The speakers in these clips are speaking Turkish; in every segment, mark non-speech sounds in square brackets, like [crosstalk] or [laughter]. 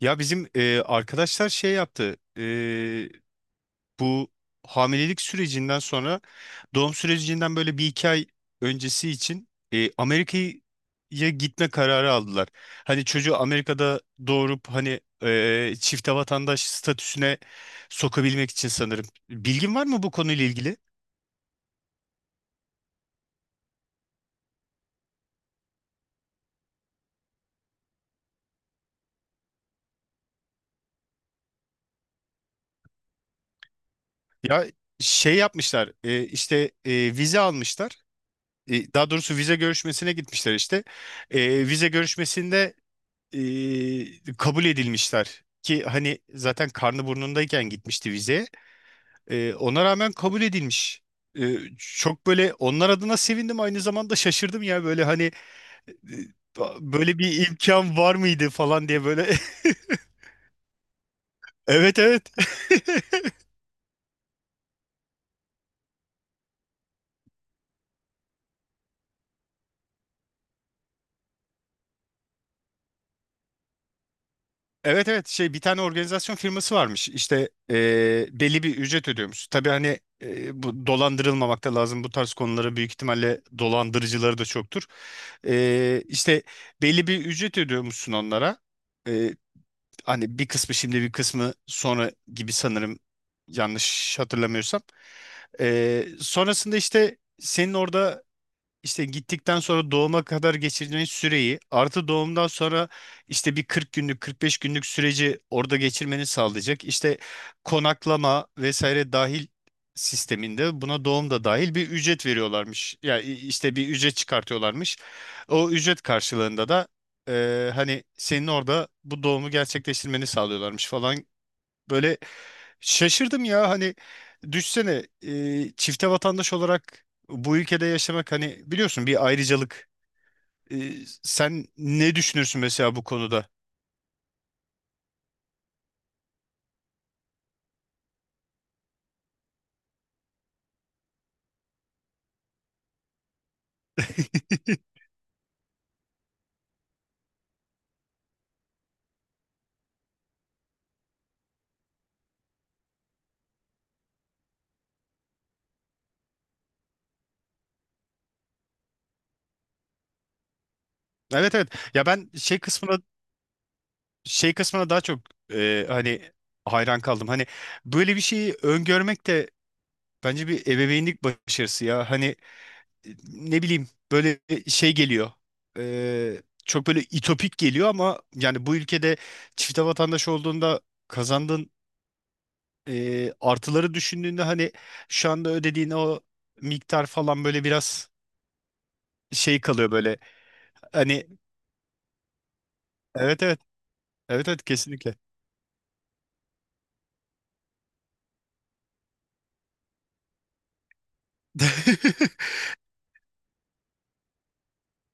Ya bizim arkadaşlar şey yaptı. Bu hamilelik sürecinden sonra doğum sürecinden böyle bir iki ay öncesi için Amerika'ya gitme kararı aldılar. Hani çocuğu Amerika'da doğurup hani çifte vatandaş statüsüne sokabilmek için sanırım. Bilgin var mı bu konuyla ilgili? Ya şey yapmışlar, işte e, vize almışlar. Daha doğrusu vize görüşmesine gitmişler işte. Vize görüşmesinde kabul edilmişler ki hani zaten karnı burnundayken gitmişti vize. Ona rağmen kabul edilmiş. Çok böyle onlar adına sevindim, aynı zamanda şaşırdım ya böyle hani e, böyle bir imkan var mıydı falan diye böyle. [laughs] Evet, evet. [laughs] Evet, evet, şey bir tane organizasyon firması varmış işte, belli bir ücret ödüyormuş. Tabii hani bu dolandırılmamak da lazım, bu tarz konulara büyük ihtimalle dolandırıcıları da çoktur. İşte belli bir ücret ödüyormuşsun onlara. Eee, hani bir kısmı şimdi bir kısmı sonra gibi sanırım, yanlış hatırlamıyorsam. Sonrasında işte senin orada işte gittikten sonra doğuma kadar geçirdiğin süreyi, artı doğumdan sonra işte bir 40 günlük 45 günlük süreci orada geçirmeni sağlayacak. İşte konaklama vesaire dahil sisteminde, buna doğum da dahil, bir ücret veriyorlarmış. Yani işte bir ücret çıkartıyorlarmış. O ücret karşılığında da hani senin orada bu doğumu gerçekleştirmeni sağlıyorlarmış falan. Böyle. Şaşırdım ya hani, düşsene, çifte vatandaş olarak bu ülkede yaşamak, hani biliyorsun, bir ayrıcalık. E, Sen ne düşünürsün mesela bu konuda? [laughs] Evet, evet, ya ben şey kısmına, şey kısmına daha çok hani hayran kaldım. Hani böyle bir şeyi öngörmek de bence bir ebeveynlik başarısı ya. Hani ne bileyim, böyle şey geliyor. Çok böyle itopik geliyor ama, yani bu ülkede çifte vatandaş olduğunda kazandığın artıları düşündüğünde, hani şu anda ödediğin o miktar falan böyle biraz şey kalıyor böyle. Hani evet, evet, evet, evet, kesinlikle. [laughs]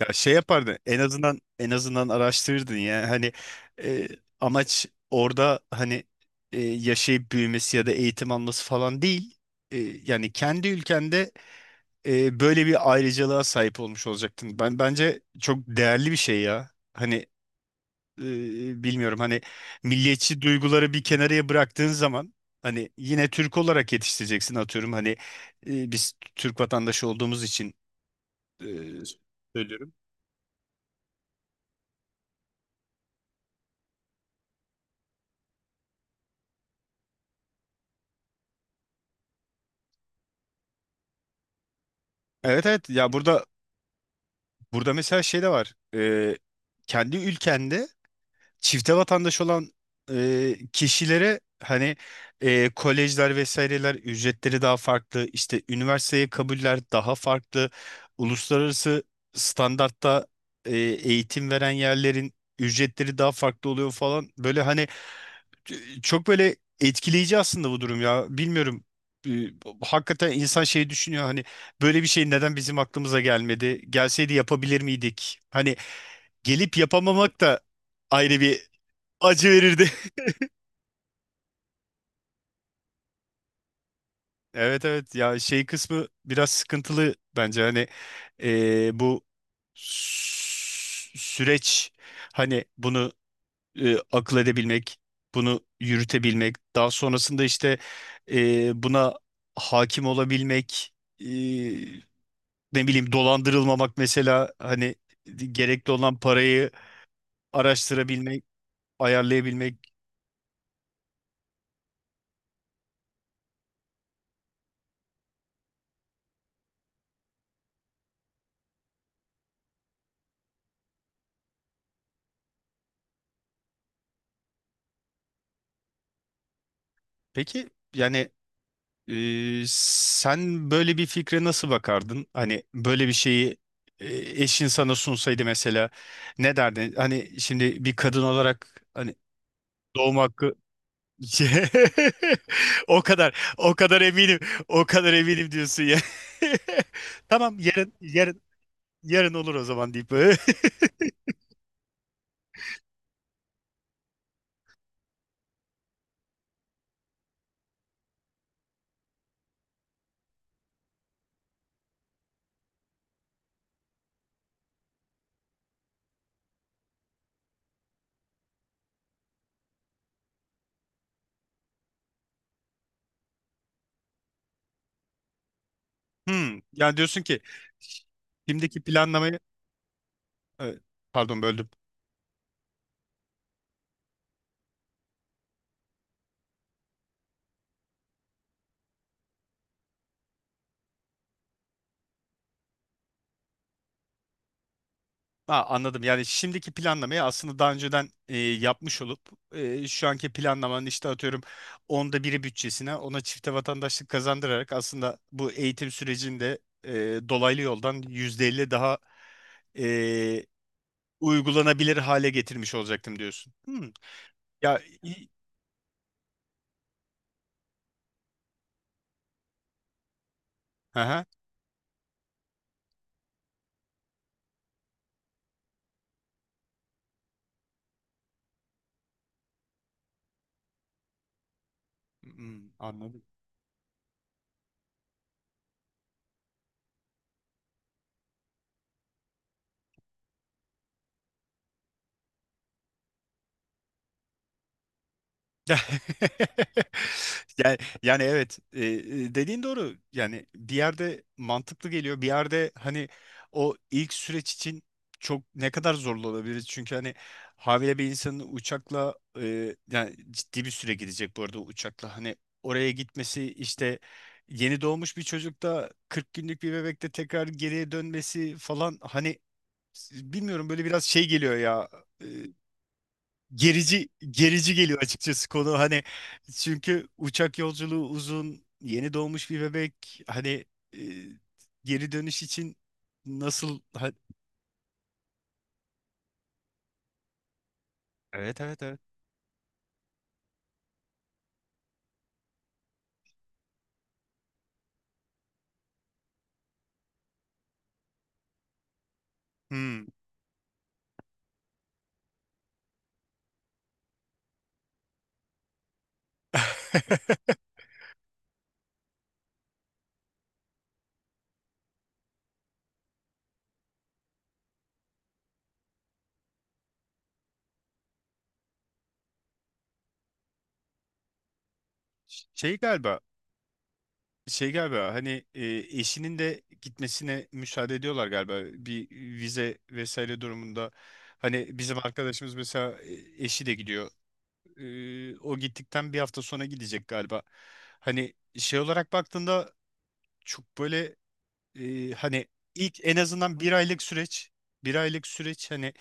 Ya şey yapardın, en azından, en azından araştırırdın ya hani e, amaç orada hani yaşayıp büyümesi ya da eğitim alması falan değil. Yani kendi ülkende böyle bir ayrıcalığa sahip olmuş olacaktın. Ben, bence çok değerli bir şey ya. Hani bilmiyorum hani, milliyetçi duyguları bir kenarıya bıraktığın zaman hani yine Türk olarak yetiştireceksin atıyorum, hani biz Türk vatandaşı olduğumuz için e, söylüyorum. Evet, evet ya, burada mesela şey de var. Kendi ülkende çifte vatandaş olan kişilere hani kolejler vesaireler ücretleri daha farklı, işte üniversiteye kabuller daha farklı, uluslararası standartta eğitim veren yerlerin ücretleri daha farklı oluyor falan, böyle hani e, çok böyle etkileyici aslında bu durum ya, bilmiyorum. E, Hakikaten insan şey düşünüyor hani, böyle bir şey neden bizim aklımıza gelmedi, gelseydi yapabilir miydik, hani gelip yapamamak da ayrı bir acı verirdi. [laughs] Evet, evet ya, şey kısmı biraz sıkıntılı bence hani, bu süreç, hani bunu akıl edebilmek, bunu yürütebilmek, daha sonrasında işte buna hakim olabilmek, e, ne bileyim dolandırılmamak mesela, hani gerekli olan parayı araştırabilmek, ayarlayabilmek. Peki yani, sen böyle bir fikre nasıl bakardın? Hani böyle bir şeyi e, eşin sana sunsaydı mesela, ne derdin? Hani şimdi bir kadın olarak hani doğum hakkı. [laughs] O kadar, o kadar eminim, o kadar eminim diyorsun ya. [laughs] Tamam, yarın, yarın, yarın olur o zaman deyip. [laughs] böyle. Yani diyorsun ki şimdiki planlamayı. Evet, pardon böldüm. Ha, anladım. Yani şimdiki planlamayı aslında daha önceden yapmış olup şu anki planlamanın işte atıyorum onda biri bütçesine, ona çifte vatandaşlık kazandırarak, aslında bu eğitim sürecinde e, dolaylı yoldan %50 daha e, uygulanabilir hale getirmiş olacaktım diyorsun. Hmm. Ya iyi. Aha. Anladım. [laughs] Yani, evet, dediğin doğru yani, bir yerde mantıklı geliyor, bir yerde hani o ilk süreç için çok ne kadar zorlu olabilir, çünkü hani havale bir insanın uçakla, yani ciddi bir süre gidecek bu arada uçakla, hani oraya gitmesi işte, yeni doğmuş bir çocukta, 40 günlük bir bebekte tekrar geriye dönmesi falan, hani bilmiyorum, böyle biraz şey geliyor ya, gerici gerici geliyor açıkçası konu hani, çünkü uçak yolculuğu uzun, yeni doğmuş bir bebek hani e, geri dönüş için nasıl evet, evet, evet. Hmm. [laughs] Şey galiba, şey galiba hani eşinin de gitmesine müsaade ediyorlar galiba bir vize vesaire durumunda, hani bizim arkadaşımız mesela, eşi de gidiyor. O gittikten bir hafta sonra gidecek galiba, hani şey olarak baktığında çok böyle hani ilk, en azından bir aylık süreç, bir aylık süreç, hani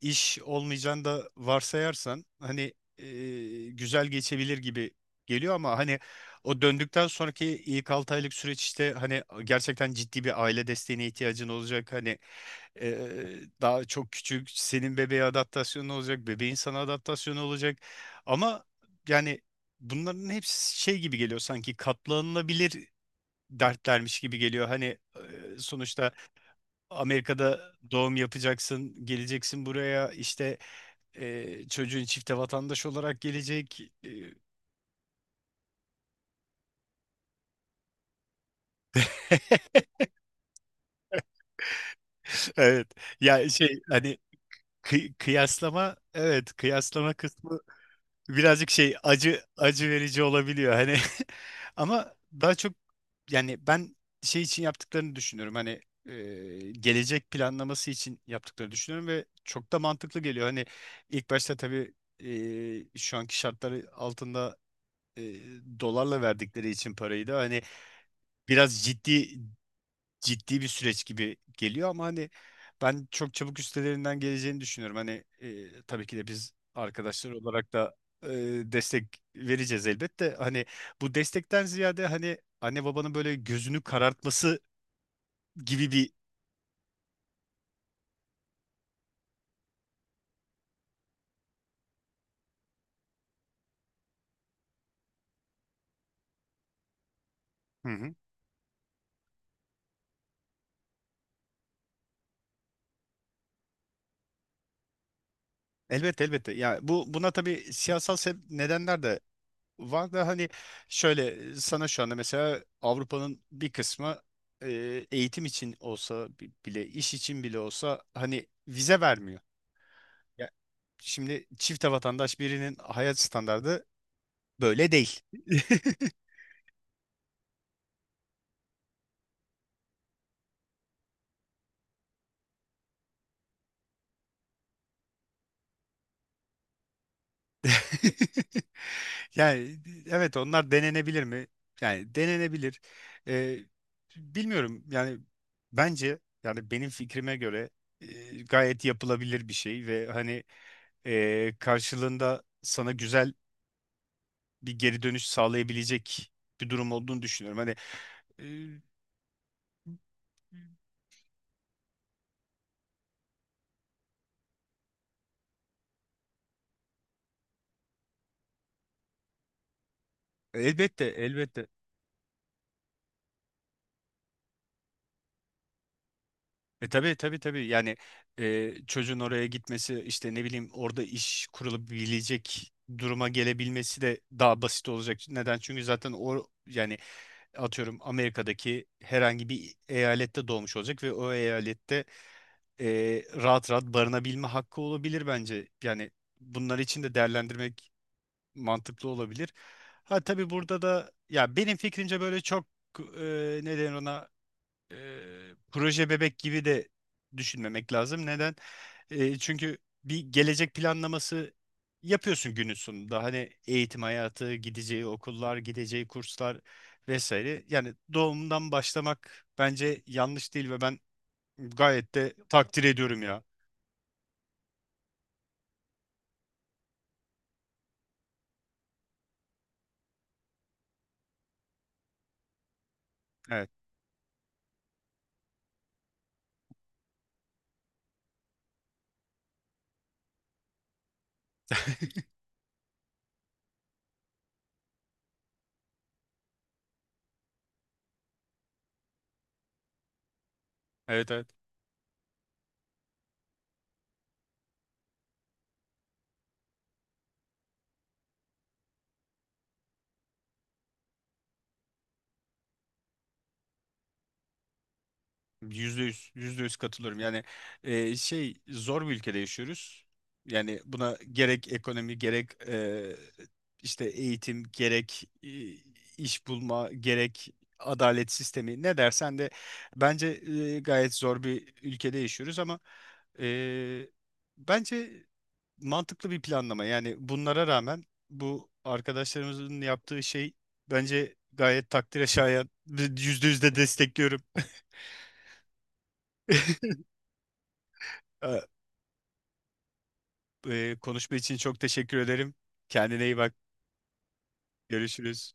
iş olmayacağını da varsayarsan hani güzel geçebilir gibi geliyor, ama hani o döndükten sonraki ilk 6 aylık süreç, işte hani gerçekten ciddi bir aile desteğine ihtiyacın olacak, hani e, daha çok küçük, senin bebeğe adaptasyonu olacak, bebeğin sana adaptasyonu olacak, ama yani bunların hepsi şey gibi geliyor, sanki katlanılabilir dertlermiş gibi geliyor. Hani sonuçta Amerika'da doğum yapacaksın, geleceksin buraya, işte çocuğun çifte vatandaş olarak gelecek. E, [laughs] evet. Ya şey hani, kıyaslama, evet, kıyaslama kısmı birazcık şey, acı, acı verici olabiliyor hani, [laughs] ama daha çok yani ben şey için yaptıklarını düşünüyorum hani, e, gelecek planlaması için yaptıklarını düşünüyorum ve çok da mantıklı geliyor, hani ilk başta tabii şu anki şartları altında e, dolarla verdikleri için parayı da hani biraz ciddi, ciddi bir süreç gibi geliyor, ama hani ben çok çabuk üstelerinden geleceğini düşünüyorum. Hani tabii ki de biz arkadaşlar olarak da e, destek vereceğiz elbette. Hani bu destekten ziyade hani anne babanın böyle gözünü karartması gibi bir. Hı hı. Elbette, elbette. Ya bu, tabii siyasal nedenler de var da, hani şöyle sana şu anda mesela Avrupa'nın bir kısmı eğitim için olsa bile, iş için bile olsa hani vize vermiyor. Ya, şimdi çifte vatandaş birinin hayat standardı böyle değil. [laughs] Yani evet, onlar denenebilir mi? Yani denenebilir. Ee, bilmiyorum yani, bence yani benim fikrime göre gayet yapılabilir bir şey ve hani karşılığında sana güzel bir geri dönüş sağlayabilecek bir durum olduğunu düşünüyorum. Hani elbette, elbette. Tabii, tabii, tabii yani, çocuğun oraya gitmesi işte, ne bileyim orada iş kurulabilecek duruma gelebilmesi de daha basit olacak. Neden? Çünkü zaten o, yani atıyorum, Amerika'daki herhangi bir eyalette doğmuş olacak ve o eyalette e, rahat rahat barınabilme hakkı olabilir bence. Yani bunlar için de değerlendirmek mantıklı olabilir. Ha, tabii burada da ya benim fikrimce böyle çok e, ne denir ona, e, proje bebek gibi de düşünmemek lazım. Neden? Çünkü bir gelecek planlaması yapıyorsun günün sonunda. Hani eğitim hayatı, gideceği okullar, gideceği kurslar vesaire. Yani doğumdan başlamak bence yanlış değil ve ben gayet de takdir ediyorum ya. Evet. Evet, evet. Yüzde yüz, yüzde yüz katılıyorum. Yani şey, zor bir ülkede yaşıyoruz. Yani buna gerek ekonomi, gerek işte eğitim, gerek iş bulma, gerek adalet sistemi, ne dersen de bence gayet zor bir ülkede yaşıyoruz, ama e, bence mantıklı bir planlama. Yani bunlara rağmen bu arkadaşlarımızın yaptığı şey bence gayet takdire şayan. Yüzde yüzde destekliyorum. [laughs] Konuşma için çok teşekkür ederim. Kendine iyi bak. Görüşürüz.